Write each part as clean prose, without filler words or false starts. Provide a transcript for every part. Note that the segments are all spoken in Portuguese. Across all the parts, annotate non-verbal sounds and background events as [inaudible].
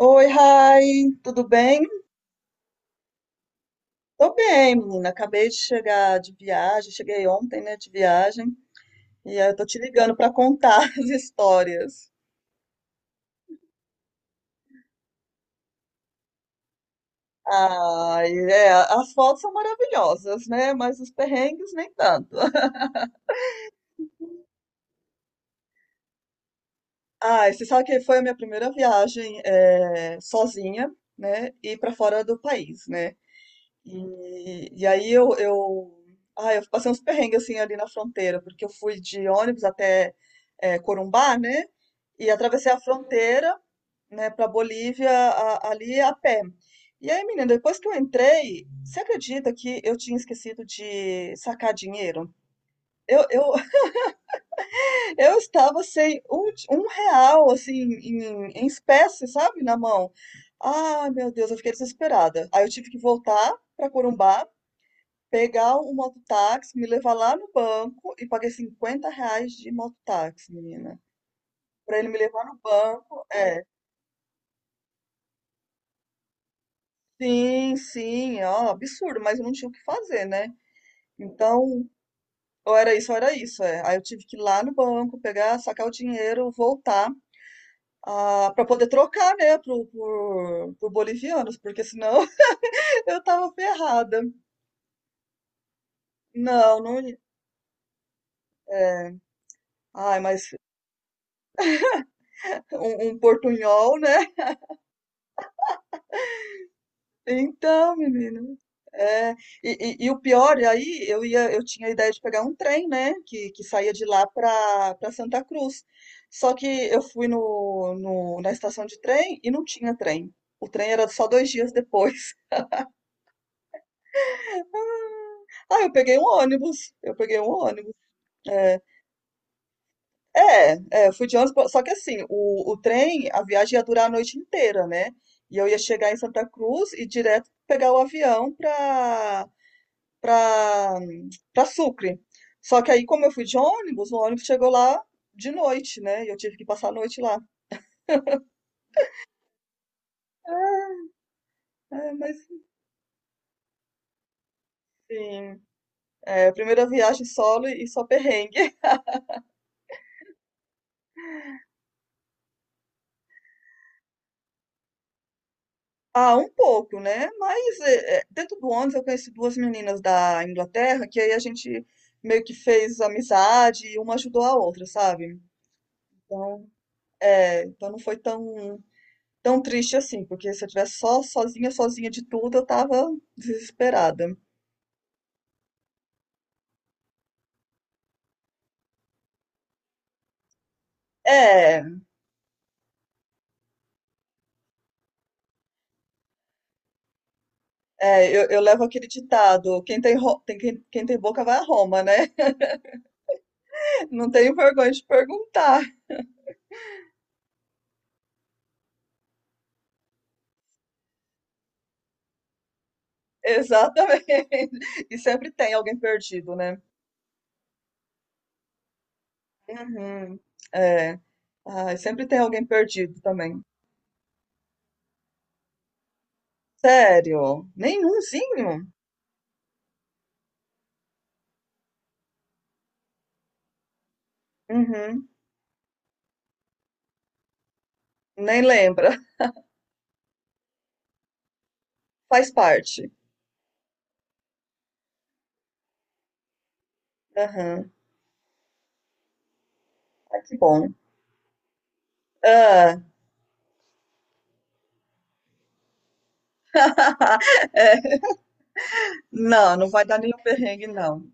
Oi, Rai, tudo bem? Tô bem, menina. Acabei de chegar de viagem, cheguei ontem, né, de viagem, e aí eu tô te ligando pra contar [laughs] as histórias. Ai, é, as fotos são maravilhosas, né? Mas os perrengues nem tanto. [laughs] Ai, você sabe que foi a minha primeira viagem sozinha, né? E pra fora do país, né? E aí eu passei uns perrengues assim ali na fronteira, porque eu fui de ônibus até Corumbá, né? E atravessei a fronteira, né, para Bolívia ali a pé. E aí, menina, depois que eu entrei, você acredita que eu tinha esquecido de sacar dinheiro? Eu, eu, [laughs] eu estava sem um, um real, assim, em espécie, sabe, na mão. Ah, meu Deus, eu fiquei desesperada. Aí eu tive que voltar para Corumbá pegar um mototáxi, me levar lá no banco e paguei R$ 50 de mototáxi, menina. Pra ele me levar no banco, é. Sim, sim, ó, absurdo, mas eu não tinha o que fazer, né? Então, ou era isso, é. Aí eu tive que ir lá no banco, pegar, sacar o dinheiro, voltar. Ah, para poder trocar, né, pro bolivianos, porque senão [laughs] eu tava ferrada. Não, não. Ai, mas um portunhol, né? Então, menino. É, e o pior, eu tinha a ideia de pegar um trem, né, que saía de lá para Santa Cruz. Só que eu fui na estação de trem e não tinha trem. O trem era só 2 dias depois. [laughs] Ah, eu peguei um ônibus. Eu peguei um ônibus. É, eu fui de ônibus. Só que assim, o trem, a viagem ia durar a noite inteira, né? E eu ia chegar em Santa Cruz e direto pegar o avião para pra, pra Sucre. Só que aí, como eu fui de ônibus, o ônibus chegou lá de noite, né? E eu tive que passar a noite lá. É, mas enfim, primeira viagem solo e só perrengue. [laughs] Ah, um pouco, né? Mas dentro do ônibus eu conheci duas meninas da Inglaterra que aí a gente meio que fez amizade e uma ajudou a outra, sabe? Então, então não foi tão triste assim, porque se eu tivesse só sozinha, sozinha de tudo, eu tava desesperada. É, É, eu levo aquele ditado, quem tem, ro- tem quem, quem tem boca vai a Roma, né? [laughs] Não tenho vergonha de perguntar. [laughs] Exatamente. E sempre tem alguém perdido, né? Uhum. É. Ai, sempre tem alguém perdido também. Sério? Nenhumzinho? Uhum. Nem lembra. [laughs] Faz parte. Aham. Ai, que bom. Ah. [laughs] É. Não, não vai dar nenhum perrengue, não.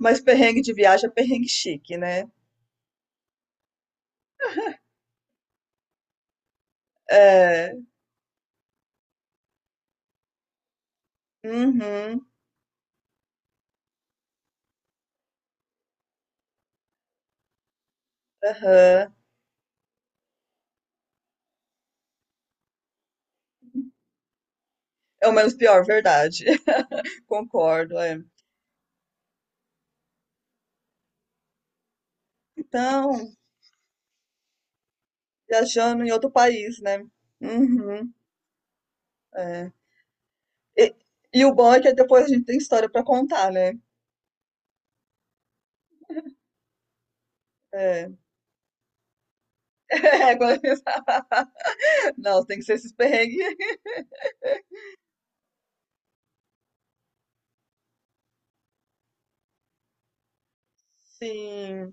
Mas perrengue de viagem é perrengue chique, né? É. Uhum. Aham. É o menos pior, verdade. [laughs] Concordo, é. Então, viajando em outro país, né? Uhum, é. E, e o bom é que depois a gente tem história pra contar, né? É. [laughs] É, agora- [laughs] Não, tem que ser esses perrengues. Sim.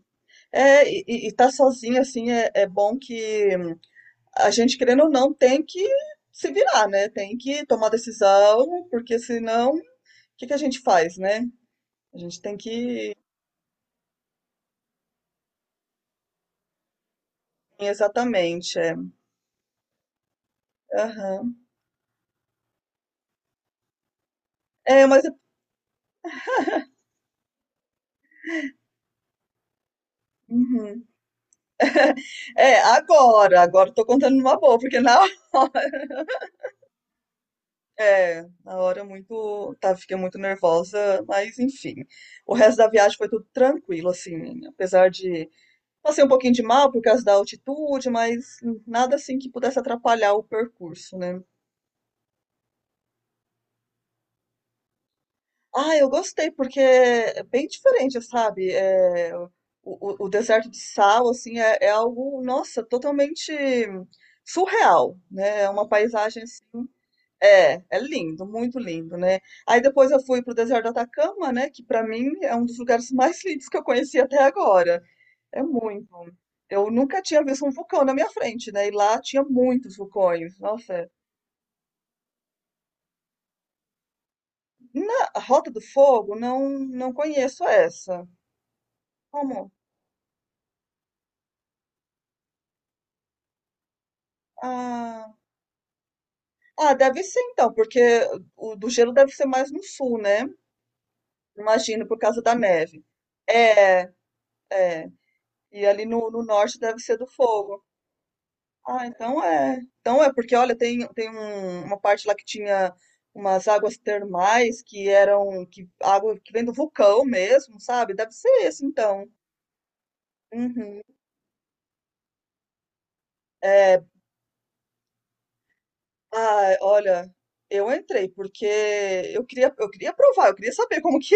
É, e tá sozinho, assim, é bom que a gente, querendo ou não, tem que se virar, né? Tem que tomar decisão, porque senão, o que que a gente faz, né? A gente tem que. Exatamente, é. Aham. É, mas [laughs] Uhum. É, agora eu tô contando numa boa, porque na [laughs] hora, na hora muito, tá, fiquei muito nervosa, mas enfim. O resto da viagem foi tudo tranquilo, assim, apesar de passei um pouquinho de mal por causa da altitude, mas nada assim que pudesse atrapalhar o percurso, né? Ah, eu gostei, porque é bem diferente, sabe? O deserto de sal, assim, é algo, nossa, totalmente surreal, né? É uma paisagem, assim, é lindo, muito lindo, né? Aí depois eu fui pro deserto do Atacama, né? Que pra mim é um dos lugares mais lindos que eu conheci até agora. É muito. Eu nunca tinha visto um vulcão na minha frente, né? E lá tinha muitos vulcões. Nossa, na Rota do Fogo, não, não conheço essa. Como? Ah. Ah, deve ser então, porque o do gelo deve ser mais no sul, né? Imagino, por causa da neve. É, é. E ali no norte deve ser do fogo. Ah, então é. Então é, porque olha, tem uma parte lá que tinha umas águas termais que eram, que, água que vem do vulcão mesmo, sabe? Deve ser esse então. Uhum. É, olha, eu entrei porque eu queria provar, eu queria saber como que.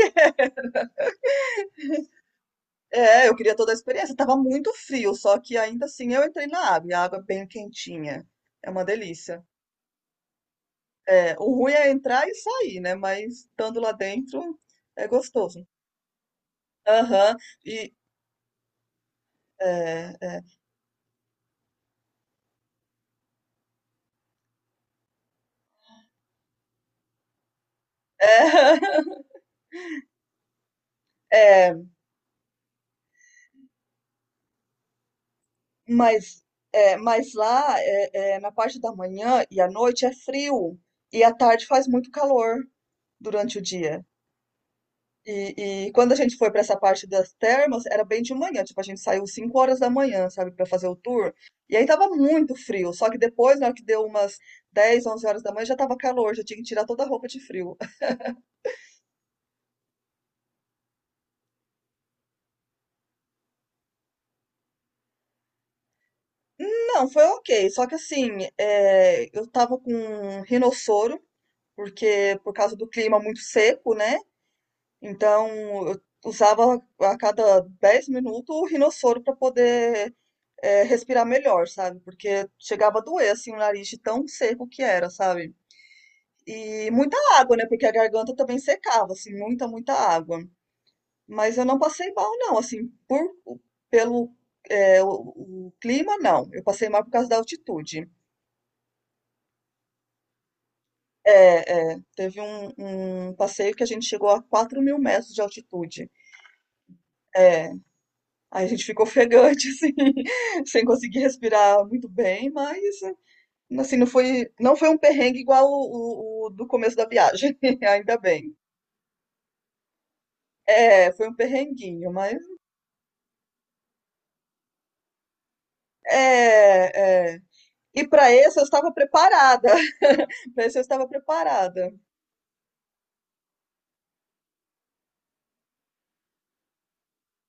É, eu queria toda a experiência. Tava muito frio, só que ainda assim eu entrei na água, e a água é bem quentinha. É uma delícia. É, o ruim é entrar e sair, né? Mas estando lá dentro é gostoso. Aham. E é, é, [laughs] é, é, mas mas lá na parte da manhã e à noite é frio e à tarde faz muito calor durante o dia. E quando a gente foi para essa parte das termas, era bem de manhã, tipo, a gente saiu 5 horas da manhã, sabe, para fazer o tour. E aí tava muito frio, só que depois, na hora que deu umas 10, 11 horas da manhã, já tava calor, já tinha que tirar toda a roupa de frio. [laughs] Não, foi ok, só que assim, eu tava com um rinossoro, porque por causa do clima muito seco, né? Então eu usava a cada 10 minutos o rinossoro para poder respirar melhor, sabe? Porque chegava a doer assim o nariz de tão seco que era, sabe? E muita água, né? Porque a garganta também secava, assim, muita, muita água. Mas eu não passei mal, não, assim, pelo o clima, não. Eu passei mal por causa da altitude. Teve um, passeio que a gente chegou a 4.000 metros de altitude. É, aí a gente ficou ofegante, [laughs] assim, sem conseguir respirar muito bem, mas Assim, não foi um perrengue igual o, o do começo da viagem, [laughs] ainda bem. É, foi um perrenguinho, mas é, é. E para esse eu estava preparada. [laughs] Para esse eu estava preparada.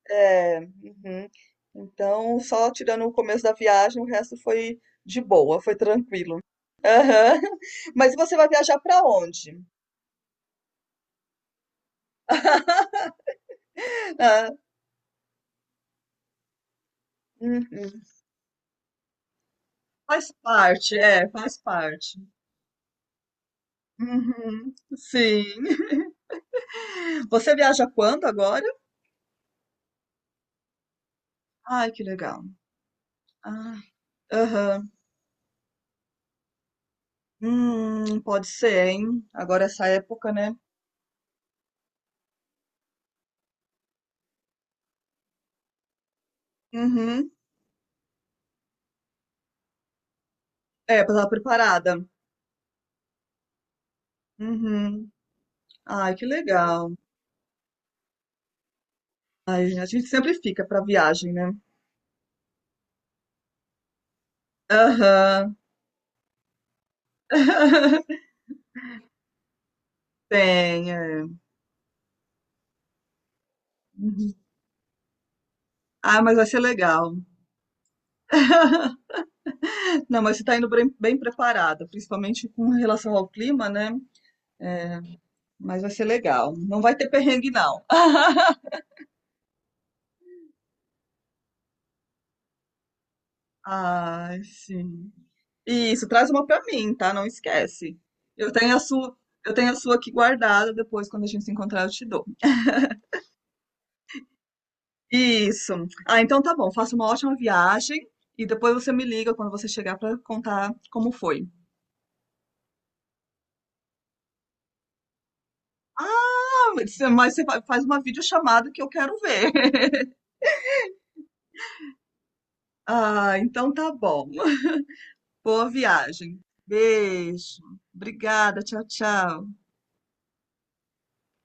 É, uhum. Então, só tirando o começo da viagem, o resto foi de boa, foi tranquilo. Mas você vai viajar para onde? [laughs] Ah, uhum. Faz parte, faz parte. Uhum, sim. Você viaja quando agora? Ai, que legal. Ah, aham. Pode ser, hein? Agora é essa época, né? Uhum. É, pra estar preparada. Uhum. Ai, que legal. Ai, gente, a gente sempre fica pra viagem, né? Aham. [laughs] Tem, é. Uhum. Ah, mas vai ser legal. [laughs] Não, mas você tá indo bem, bem preparada, principalmente com relação ao clima, né? Mas vai ser legal. Não vai ter perrengue, não. [laughs] Ai, sim. Isso, traz uma pra mim, tá? Não esquece. Eu tenho a sua, eu tenho a sua aqui guardada, depois quando a gente se encontrar eu te dou. Isso. Ah, então tá bom. Faça uma ótima viagem e depois você me liga quando você chegar pra contar como foi. Ah, mas você faz uma videochamada que eu quero ver. [laughs] Ah, então tá bom. Boa viagem. Beijo. Obrigada. Tchau, tchau.